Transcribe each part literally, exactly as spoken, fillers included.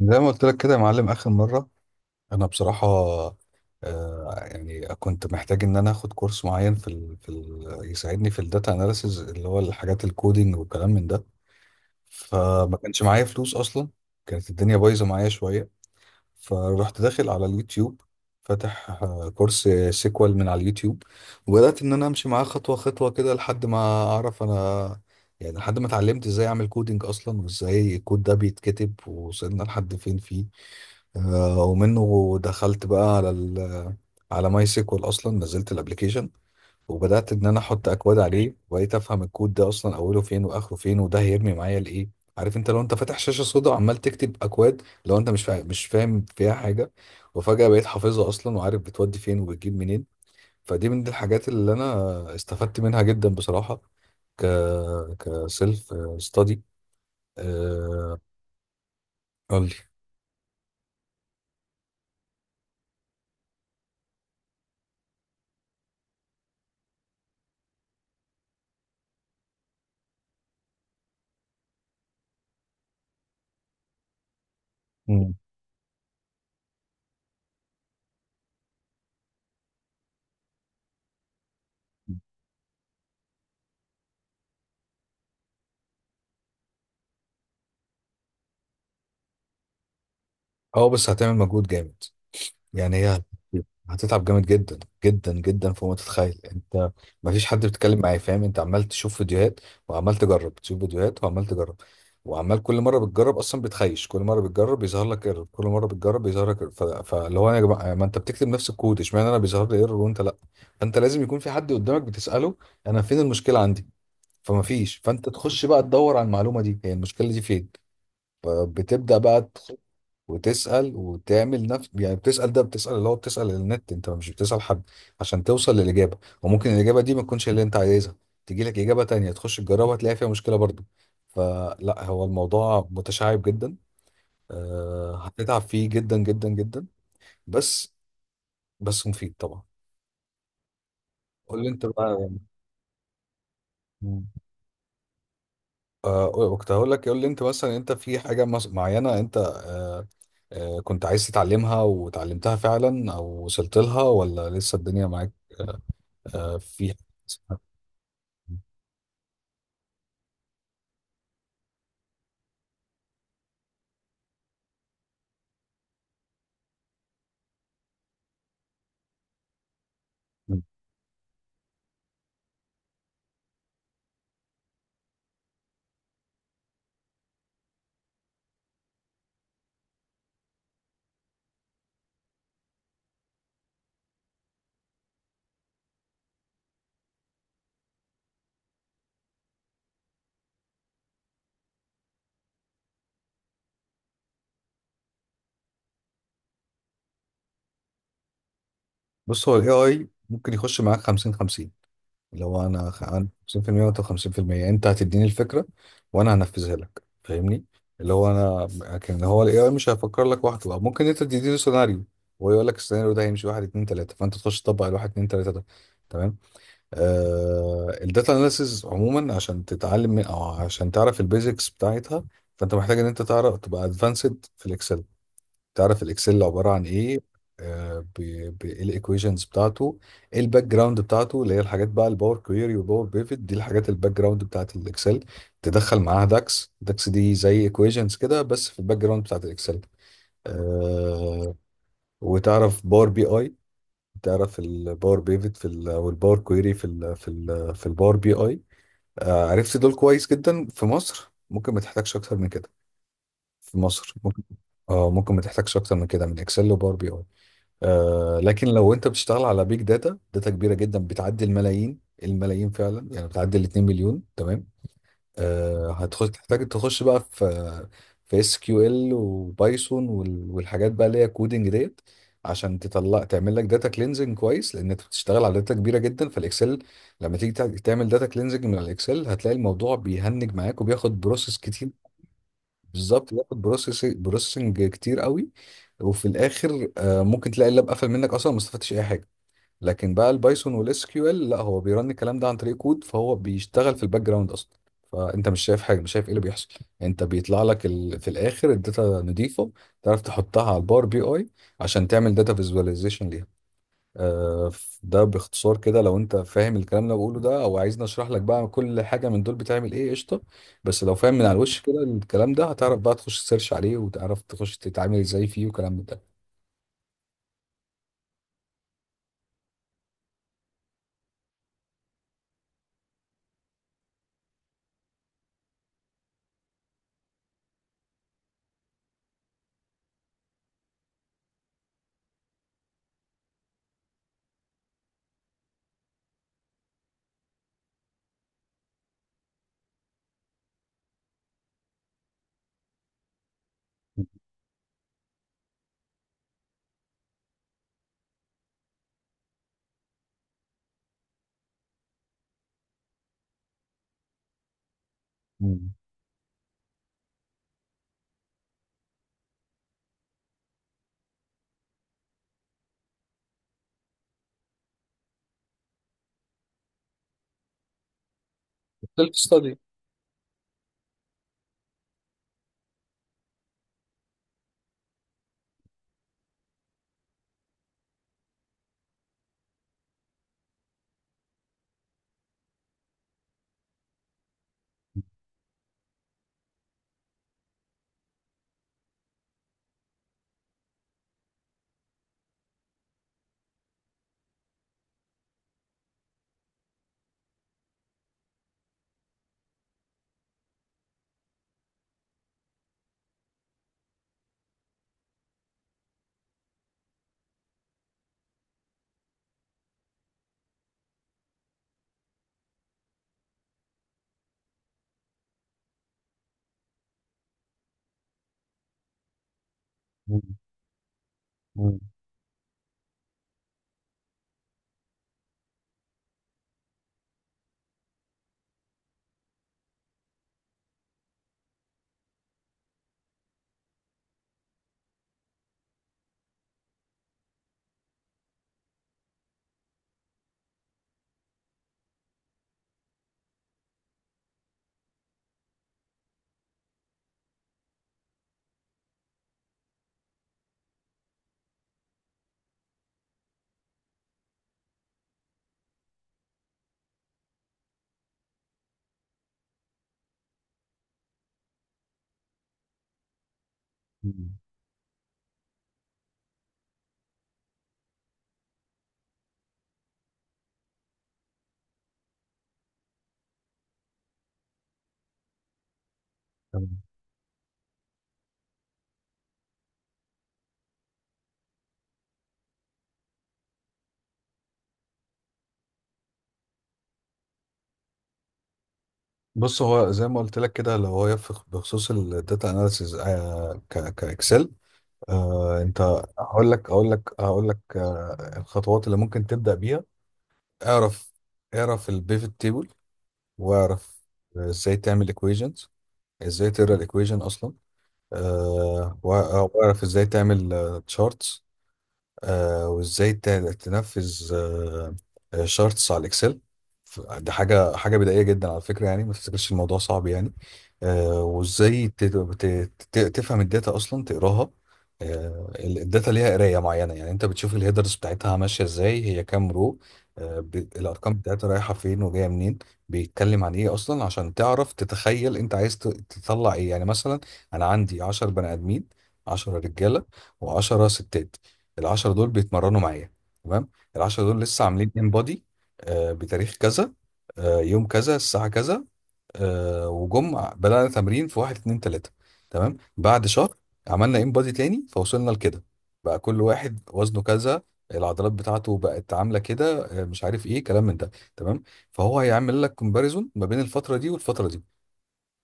زي ما قلت لك كده يا معلم اخر مره، انا بصراحه آه يعني كنت محتاج ان انا اخد كورس معين في ال في ال يساعدني في الداتا اناليسز اللي هو الحاجات الكودينج والكلام من ده. فما كانش معايا فلوس اصلا، كانت الدنيا بايظه معايا شويه. فرحت داخل على اليوتيوب فاتح آه، كورس سيكوال من على اليوتيوب، وبدات ان انا امشي معاه خطوه خطوه كده لحد ما اعرف انا، يعني لحد ما اتعلمت ازاي اعمل كودينج اصلا وازاي الكود ده بيتكتب ووصلنا لحد فين فيه. آه، ومنه دخلت بقى على ال على ماي سيكوال اصلا، نزلت الابلكيشن وبدات ان انا احط اكواد عليه وبقيت افهم الكود ده اصلا اوله فين واخره فين وده هيرمي معايا لايه. عارف انت، لو انت فاتح شاشه سودا وعمال تكتب اكواد لو انت مش فاهم مش فاهم فيها حاجه، وفجاه بقيت حافظها اصلا وعارف بتودي فين وبتجيب منين. فدي من الحاجات اللي انا استفدت منها جدا بصراحه، ك كسيلف ستادي. قول لي. مم. اه، بس هتعمل مجهود جامد، يعني هي هتتعب جامد جدا، جدا جدا فوق ما تتخيل انت. ما فيش حد بيتكلم معايا فاهم، انت عمال تشوف فيديوهات وعمال تجرب، تشوف فيديوهات وعمال تجرب، وعمال كل مره بتجرب اصلا بتخيش، كل مره بتجرب بيظهر لك ايرور، كل مره بتجرب بيظهر لك error. ف... فاللي هو يا جماعه، ما انت بتكتب نفس الكود، اشمعنى انا بيظهر لي ايرور وانت لا؟ فانت لازم يكون في حد قدامك بتساله انا فين المشكله عندي، فما فيش، فانت تخش بقى تدور على المعلومه دي، هي المشكله دي فين. فبتبدا بقى وتسأل وتعمل نفس، يعني بتسأل ده، بتسأل اللي هو، بتسأل النت، انت مش بتسأل حد، عشان توصل للإجابة، وممكن الإجابة دي ما تكونش اللي انت عايزها، تيجي لك إجابة تانية تخش تجربها تلاقي فيها مشكلة برضو. فلا، هو الموضوع متشعب جدا، آه، هتتعب فيه جدا جدا جدا. بس. بس مفيد طبعا. قول لي انت بقى. مم. آه، كنت هقول لك، قول لي انت مثلا، انت في حاجة مس- معينة انت آه، آه، كنت عايز تتعلمها وتعلمتها فعلا او وصلت لها ولا لسه الدنيا معاك؟ آه، في بص، هو الاي اي ممكن يخش معاك خمسين خمسين، لو انا خ- انا خمسين في المية وانت خمسين في المية، انت هتديني الفكره وانا هنفذها لك، فاهمني، اللي هو انا. لكن هو الاي اي مش هيفكر لك وحده، أو ممكن انت تديني سيناريو وهو يقول لك السيناريو ده هيمشي واحد اتنين تلاته، فانت تخش تطبق الواحد اتنين تلاته ده، تمام. آه الداتا اناليسز عموما، عشان تتعلم من، او عشان تعرف البيزكس بتاعتها، فانت محتاج ان انت تعرف تبقى ادفانسد في الاكسل، تعرف الاكسل عباره عن ايه، آه، ب- ب- إيه الايكويشنز بتاعته، إيه الباك جراوند بتاعته، اللي هي الحاجات بقى الباور كويري وباور بيفت، دي الحاجات الباك جراوند بتاعت الاكسل، تدخل معاها داكس، داكس دي زي ايكويشنز كده بس في الباك جراوند بتاعت الاكسل. آه، وتعرف باور بي اي، تعرف الباور بيفت في ال- والباور كويري في ال في ال في الباور بي اي. آه، عرفت دول كويس جدا في مصر ممكن ما تحتاجش اكتر من كده. في مصر ممكن. اه، ممكن ما تحتاجش اكتر من كده، من اكسل وباور بي اي. آه لكن لو انت بتشتغل على بيج داتا، داتا كبيره جدا بتعدي الملايين الملايين فعلا، يعني بتعدي ال 2 مليون، تمام. آه هتخش تحتاج، تخش بقى في في اس كيو ال وبايثون وال- والحاجات بقى اللي هي كودنج ديت، عشان تطلع تعمل لك داتا كلينزنج كويس، لان انت بتشتغل على داتا كبيره جدا. فالاكسل لما تيجي تع- تعمل داتا كلينزنج من الاكسل، هتلاقي الموضوع بيهنج معاك وبياخد بروسيس. بالظبط، بياخد بروسيسنج بروسيسنج كتير قوي. وفي الاخر آه، ممكن تلاقي اللاب قفل منك اصلا ما استفدتش اي حاجه. لكن بقى البايثون والاس كيو ال لا، هو بيرن الكلام ده عن طريق كود، فهو بيشتغل في الباك جراوند اصلا، فانت مش شايف حاجه، مش شايف ايه اللي بيحصل، انت بيطلع لك ال... في الاخر الداتا نضيفه، تعرف تحطها على الباور بي اي عشان تعمل داتا فيزواليزيشن ليها. آه، ده باختصار كده، لو انت فاهم الكلام اللي أنا بقوله ده او عايزني اشرح لك بقى كل حاجه من دول بتعمل ايه، قشطه. بس لو فاهم من على الوش كده الكلام ده، هتعرف بقى تخش تسيرش عليه، وتعرف تخش تتعامل ازاي فيه وكلام من ده. مم. سيلف ستادي. مم. مم. مم. تمام. بص، هو زي ما قلت لك كده اللي هو يفق بخصوص الداتا اناليسيز كاكسل. آه انت، هقول لك هقول لك هقول لك آه الخطوات اللي ممكن تبدا بيها. اعرف، اعرف البيفت تيبل، واعرف ازاي تعمل equations، ازاي تقرا الايكويجن اصلا. أه وأ- آه، واعرف ازاي تعمل تشارتس، آه، وازاي ت- تنفذ آه، آه، شارتس على الاكسل. ف- دي حاجه حاجه بدائيه جدا على فكره، يعني ما تفتكرش الموضوع صعب يعني. آه، وازاي ت- ت- ت- تفهم الداتا اصلا تقراها. آه، ال- الداتا ليها قرايه معينه، يعني انت بتشوف الهيدرز بتاعتها ماشيه ازاي، هي كام رو. آه، ب- الارقام بتاعتها رايحه فين وجايه منين، بيتكلم عن ايه اصلا عشان تعرف تتخيل انت عايز ت- تطلع ايه، يعني مثلا انا عندي عشرة بني ادمين، عشرة رجاله و10 ستات، العشرة دول بيتمرنوا معايا، تمام. العشرة دول لسه عاملين انبادي بتاريخ كذا، آه، يوم كذا الساعة كذا، آه، وجم بدأنا تمرين في واحد اتنين تلاتة، تمام. بعد شهر عملنا انبادي تاني فوصلنا لكده، بقى كل واحد وزنه كذا، العضلات بتاعته بقت عاملة كده، آه، مش عارف ايه كلام من ده، تمام. فهو هيعمل لك كومباريزون ما بين الفترة دي والفترة دي،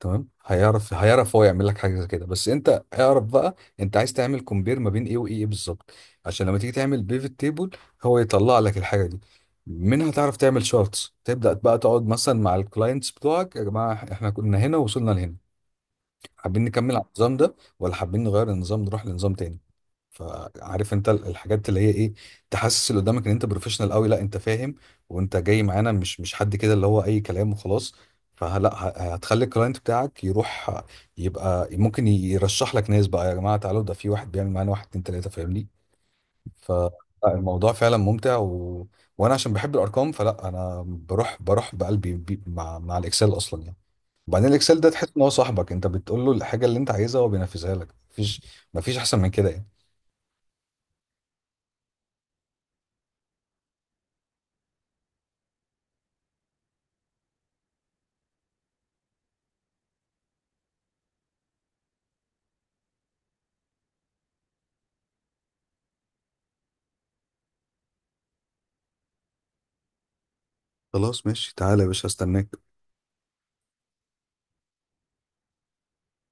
تمام. هيعرف هيعرف هو يعمل لك حاجه زي كده، بس انت اعرف بقى انت عايز تعمل كومبير ما بين ايه وايه، إيه بالظبط، عشان لما تيجي تعمل بيفت تيبل هو يطلع لك الحاجه دي، منها تعرف تعمل شارتس، تبدا بقى تقعد مثلا مع الكلاينتس بتوعك، يا جماعه احنا كنا هنا ووصلنا لهنا، حابين نكمل على النظام ده، ولا حابين نغير النظام نروح لنظام تاني. فعارف انت ال- الحاجات اللي هي ايه، تحسس اللي قدامك ان انت بروفيشنال قوي، لا انت فاهم، وانت جاي معانا، مش مش حد كده اللي هو اي كلام وخلاص. فلا، ه- هتخلي الكلاينت بتاعك يروح، يبقى ممكن يرشح لك ناس بقى، يا جماعه تعالوا ده في واحد بيعمل معانا واحد اتنين تلاته، فاهمني. فالموضوع فعلا ممتع و... وانا عشان بحب الارقام فلا، انا بروح بروح بقلبي بي- مع مع الاكسل اصلا يعني. وبعدين الاكسل ده تحس ان هو صاحبك، انت بتقول له الحاجه اللي انت عايزها هو بينفذها لك، مفيش مفيش احسن من كده يعني. خلاص ماشي، تعالى يا باشا استناك.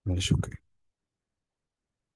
ماشي اوكي.